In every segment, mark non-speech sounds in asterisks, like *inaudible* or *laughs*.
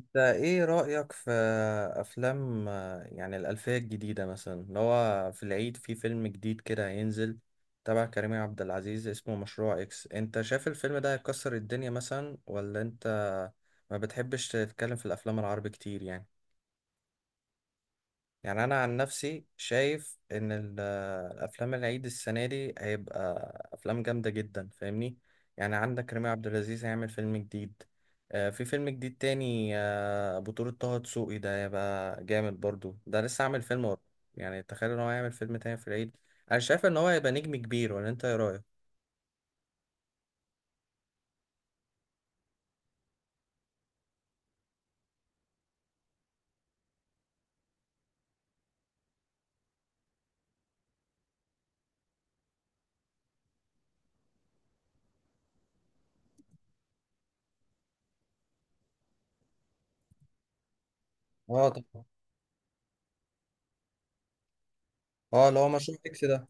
انت ايه رأيك في افلام، يعني الألفية الجديدة مثلا اللي هو في العيد في فيلم جديد كده هينزل تبع كريم عبد العزيز اسمه مشروع اكس. انت شايف الفيلم ده هيكسر الدنيا مثلا؟ ولا انت ما بتحبش تتكلم في الافلام العربي كتير يعني؟ يعني انا عن نفسي شايف ان الافلام العيد السنه دي هيبقى افلام جامده جدا، فاهمني؟ يعني عندك رامي عبد العزيز هيعمل فيلم جديد، في فيلم جديد تاني، بطولة طه دسوقي، ده هيبقى جامد برضو. ده لسه عامل فيلم ورا، يعني تخيل ان هو هيعمل فيلم تاني في العيد. انا شايف ان هو هيبقى نجم كبير، ولا انت ايه رايك؟ اه طبعا. اه اللي هو مشروع اكس ده.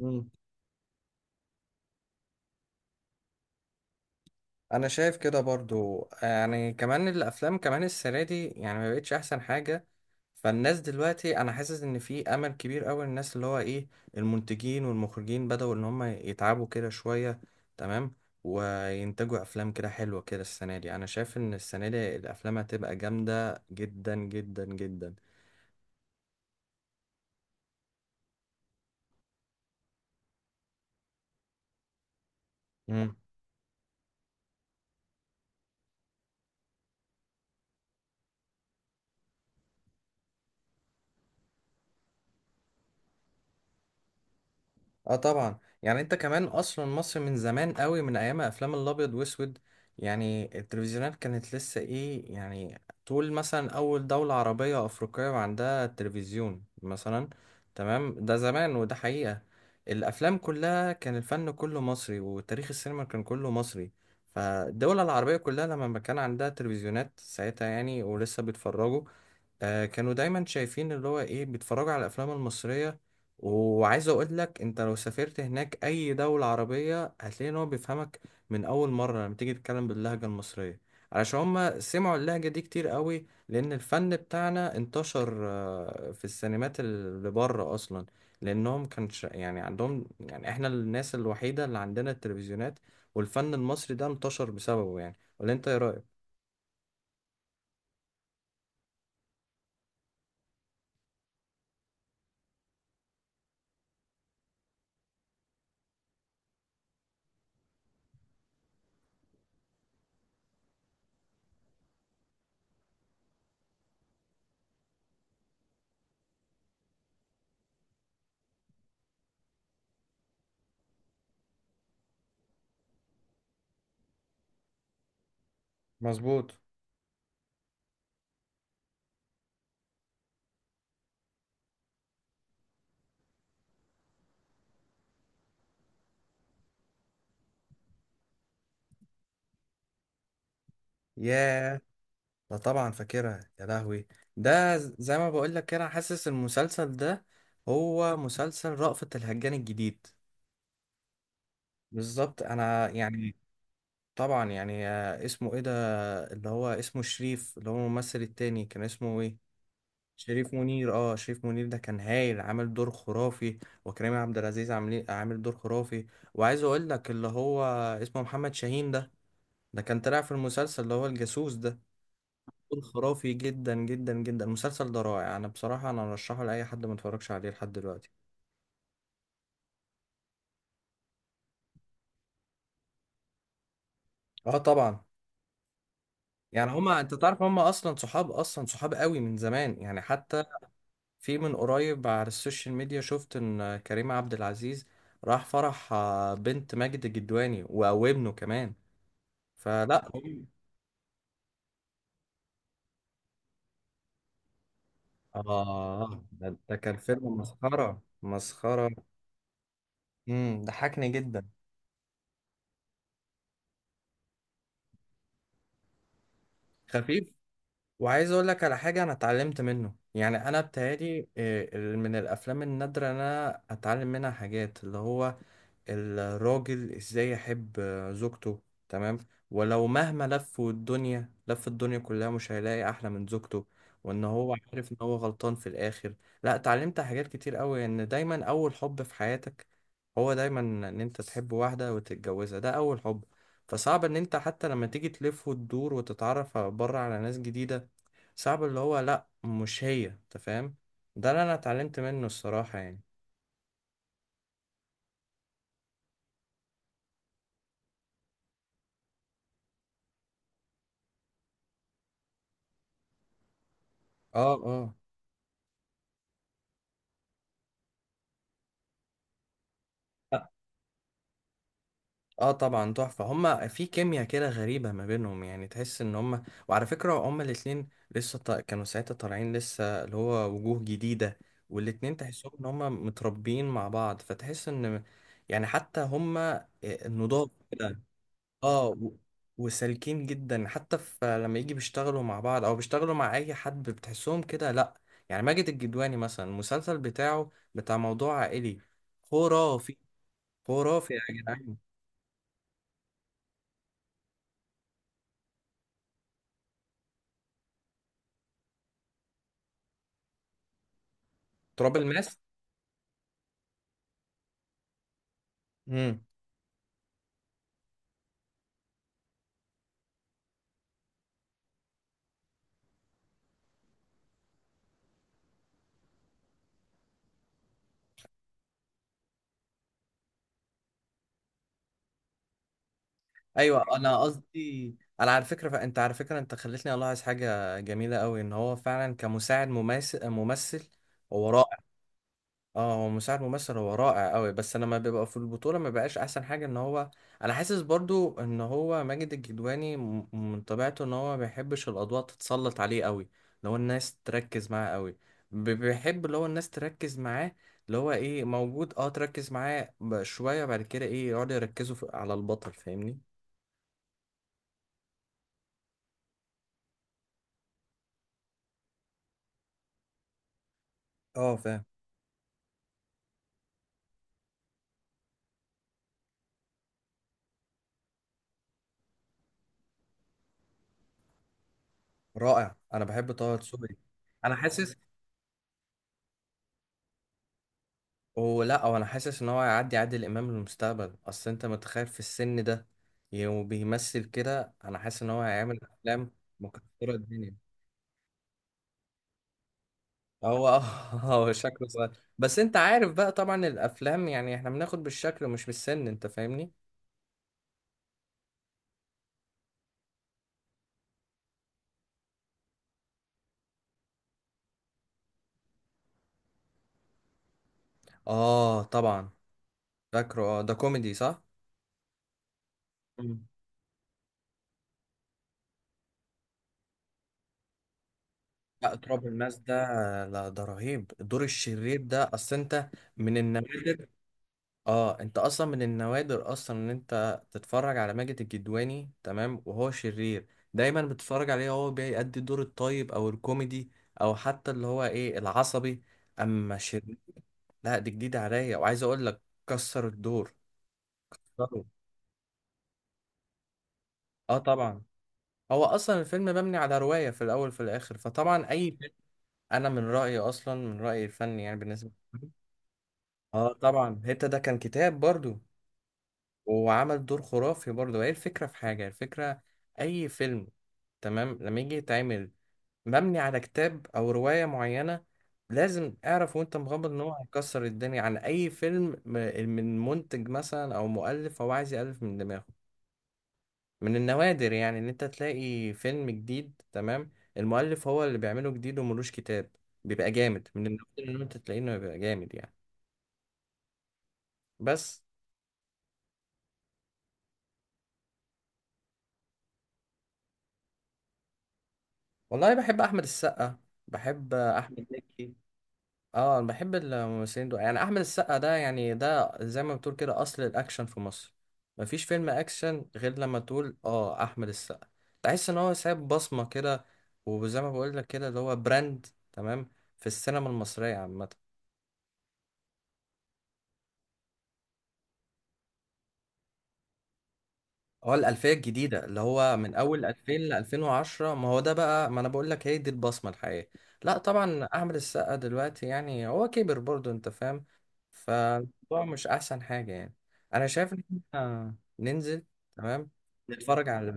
مم. انا شايف كده برضو، يعني كمان الافلام كمان السنه دي يعني ما بقتش احسن حاجه. فالناس دلوقتي انا حاسس ان في امل كبير قوي، الناس اللي هو ايه، المنتجين والمخرجين بدأوا ان هم يتعبوا كده شويه. تمام. وينتجوا افلام كده حلوه كده السنه دي. انا شايف ان السنه دي الافلام هتبقى جامده جدا جدا جدا. اه طبعا. يعني انت كمان اصلا مصر من زمان قوي، من ايام افلام الابيض واسود، يعني التلفزيونات كانت لسه ايه، يعني طول مثلا اول دولة عربية افريقية عندها تلفزيون مثلا. تمام. ده زمان وده حقيقة. الافلام كلها كان الفن كله مصري، وتاريخ السينما كان كله مصري. فالدول العربية كلها لما كان عندها تلفزيونات ساعتها يعني ولسه بيتفرجوا، كانوا دايما شايفين اللي هو ايه، بيتفرجوا على الافلام المصريه. وعايز اقول لك، انت لو سافرت هناك اي دوله عربيه هتلاقي ان هو بيفهمك من اول مره لما تيجي تتكلم باللهجه المصريه، علشان هما سمعوا اللهجه دي كتير قوي، لان الفن بتاعنا انتشر في السينمات اللي بره اصلا، لانهم كانش يعني عندهم يعني احنا الناس الوحيده اللي عندنا التلفزيونات، والفن المصري ده انتشر بسببه يعني. ولا انت ايه رايك؟ مظبوط. ياه. لا طبعا فاكرها، يا لهوي. ده زي ما بقول لك كده، أنا حاسس المسلسل ده هو مسلسل رأفت الهجان الجديد. بالظبط. انا يعني طبعا يعني، اسمه ايه ده، اللي هو اسمه شريف، اللي هو الممثل التاني كان اسمه ايه؟ شريف منير. اه، شريف منير ده كان هايل، عامل دور خرافي. وكريم عبد العزيز عامل دور خرافي. وعايز اقول لك اللي هو اسمه محمد شاهين ده، ده كان طلع في المسلسل اللي هو الجاسوس ده. كان خرافي جدا جدا جدا. المسلسل ده رائع. انا بصراحه انا ارشحه لاي حد ما اتفرجش عليه لحد دلوقتي. اه طبعا. يعني هما، انت تعرف، هما اصلا صحاب، اصلا صحاب قوي من زمان يعني، حتى في من قريب على السوشيال ميديا شفت ان كريم عبد العزيز راح فرح، بنت ماجد الجدواني وابنه كمان. فلا اه، ده كان فيلم مسخره مسخره. ضحكني جدا. خفيف. وعايز اقول لك على حاجه انا اتعلمت منه، يعني انا بتهيألي، من الافلام النادره إن انا اتعلم منها حاجات، اللي هو الراجل ازاي يحب زوجته. تمام. ولو مهما لف الدنيا، لف الدنيا كلها، مش هيلاقي احلى من زوجته، وان هو عارف ان هو غلطان في الاخر. لا، اتعلمت حاجات كتير قوي، ان دايما اول حب في حياتك هو دايما، ان انت تحب واحده وتتجوزها، ده اول حب. فصعب ان انت حتى لما تيجي تلف وتدور وتتعرف بره على ناس جديدة، صعب اللي هو لا مش هي، انت فاهم؟ ده اللي انا اتعلمت منه الصراحة يعني. اه، اه. لا، اه طبعا تحفة. هما في كيمياء كده غريبة ما بينهم يعني، تحس ان هما، وعلى فكرة هما الاتنين لسه كانوا ساعتها طالعين لسه، اللي هو وجوه جديدة، والاتنين تحسهم ان هما متربيين مع بعض، فتحس ان يعني حتى هما النضاف كده. اه و- وسالكين جدا، حتى في لما يجي بيشتغلوا مع بعض او بيشتغلوا مع اي حد بتحسهم كده. لا، يعني ماجد الجدواني مثلا، المسلسل بتاعه بتاع موضوع عائلي خرافي. خرافي يا جدعان. تراب الماس. امم ايوه. انا قصدي، انا على فكره، فانت على فكره انت خلتني الاحظ حاجه جميله قوي، ان هو فعلا كمساعد ممثل ممثل، هو رائع. اه، هو مساعد ممثل هو رائع قوي، بس انا ما بيبقى في البطوله ما بقاش احسن حاجه. ان هو، انا حاسس برضو ان هو ماجد الكدواني من طبيعته ان هو ما بيحبش الاضواء تتسلط عليه قوي، اللي هو الناس تركز معاه قوي. بيحب اللي هو الناس تركز معاه، اللي هو ايه موجود، اه تركز معاه شويه، بعد كده ايه يقعدوا يركزوا على البطل، فاهمني؟ اه فاهم. رائع، انا بحب طه دسوقي. انا حاسس، ولا هو، انا حاسس ان هو هيعدي عادل امام للمستقبل. اصل انت متخيل في السن ده وبيمثل كده؟ انا حاسس ان هو هيعمل افلام مكسره الدنيا. هو اه *laughs* هو شكله صغير. بس انت عارف بقى طبعا الافلام يعني احنا بناخد بالشكل مش بالسن، انت فاهمني؟ اه طبعا فاكره. اه ده كوميدي صح. مم. لا تراب الماس ده، لا ده رهيب، الدور الشرير ده اصل انت، من النوادر. اه انت اصلا من النوادر اصلا ان انت تتفرج على ماجد الكدواني، تمام، وهو شرير. دايما بتتفرج عليه هو بيأدي دور الطيب او الكوميدي، او حتى اللي هو ايه العصبي. اما شرير، لا دي جديدة عليا. وعايز اقول لك، كسر الدور، كسره. اه طبعا. هو اصلا الفيلم مبني على رواية، في الاول في الاخر، فطبعا اي فيلم، انا من رأيي اصلا، من رأيي الفني يعني، بالنسبة لي. اه طبعا هيبتا ده كان كتاب برضو، وعمل دور خرافي برضه. هي الفكرة في حاجة، الفكرة، أي فيلم، تمام، لما يجي يتعمل مبني على كتاب أو رواية معينة، لازم اعرف وانت مغمض ان هو هيكسر الدنيا. عن اي فيلم من منتج مثلا او مؤلف هو عايز يألف من دماغه، من النوادر يعني ان انت تلاقي فيلم جديد، تمام، المؤلف هو اللي بيعمله جديد وملوش كتاب، بيبقى جامد. من النوادر ان انت تلاقيه انه بيبقى جامد يعني. بس، والله بحب احمد السقا، بحب احمد مكي. اه انا بحب الممثلين دول يعني. احمد السقا ده يعني، ده زي ما بتقول كده، اصل الاكشن في مصر، مفيش فيلم اكشن غير لما تقول اه احمد السقا. تحس ان هو سايب بصمة كده، وزي ما بقول لك كده اللي هو براند، تمام، في السينما المصرية عامة. اه، الألفية الجديدة اللي هو من أول 2000 ل 2010، ما هو ده بقى، ما أنا بقول لك، هي دي البصمة الحقيقية. لا طبعا، أحمد السقا دلوقتي يعني هو كبر برضه، أنت فاهم؟ فالموضوع مش أحسن حاجة يعني. أنا شايف إن إحنا ننزل، تمام، نتفرج على،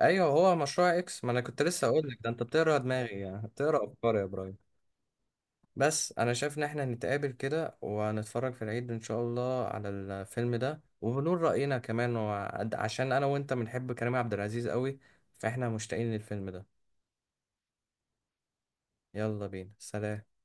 أيوه هو مشروع إكس، ما أنا كنت لسه أقول لك ده، أنت بتقرا دماغي يعني، بتقرا أفكاري يا إبراهيم. بس انا شايف ان احنا نتقابل كده ونتفرج في العيد ان شاء الله على الفيلم ده، وبنقول رأينا كمان، عشان انا وانت بنحب كريم عبد العزيز قوي، فاحنا مشتاقين للفيلم ده. يلا بينا، سلام.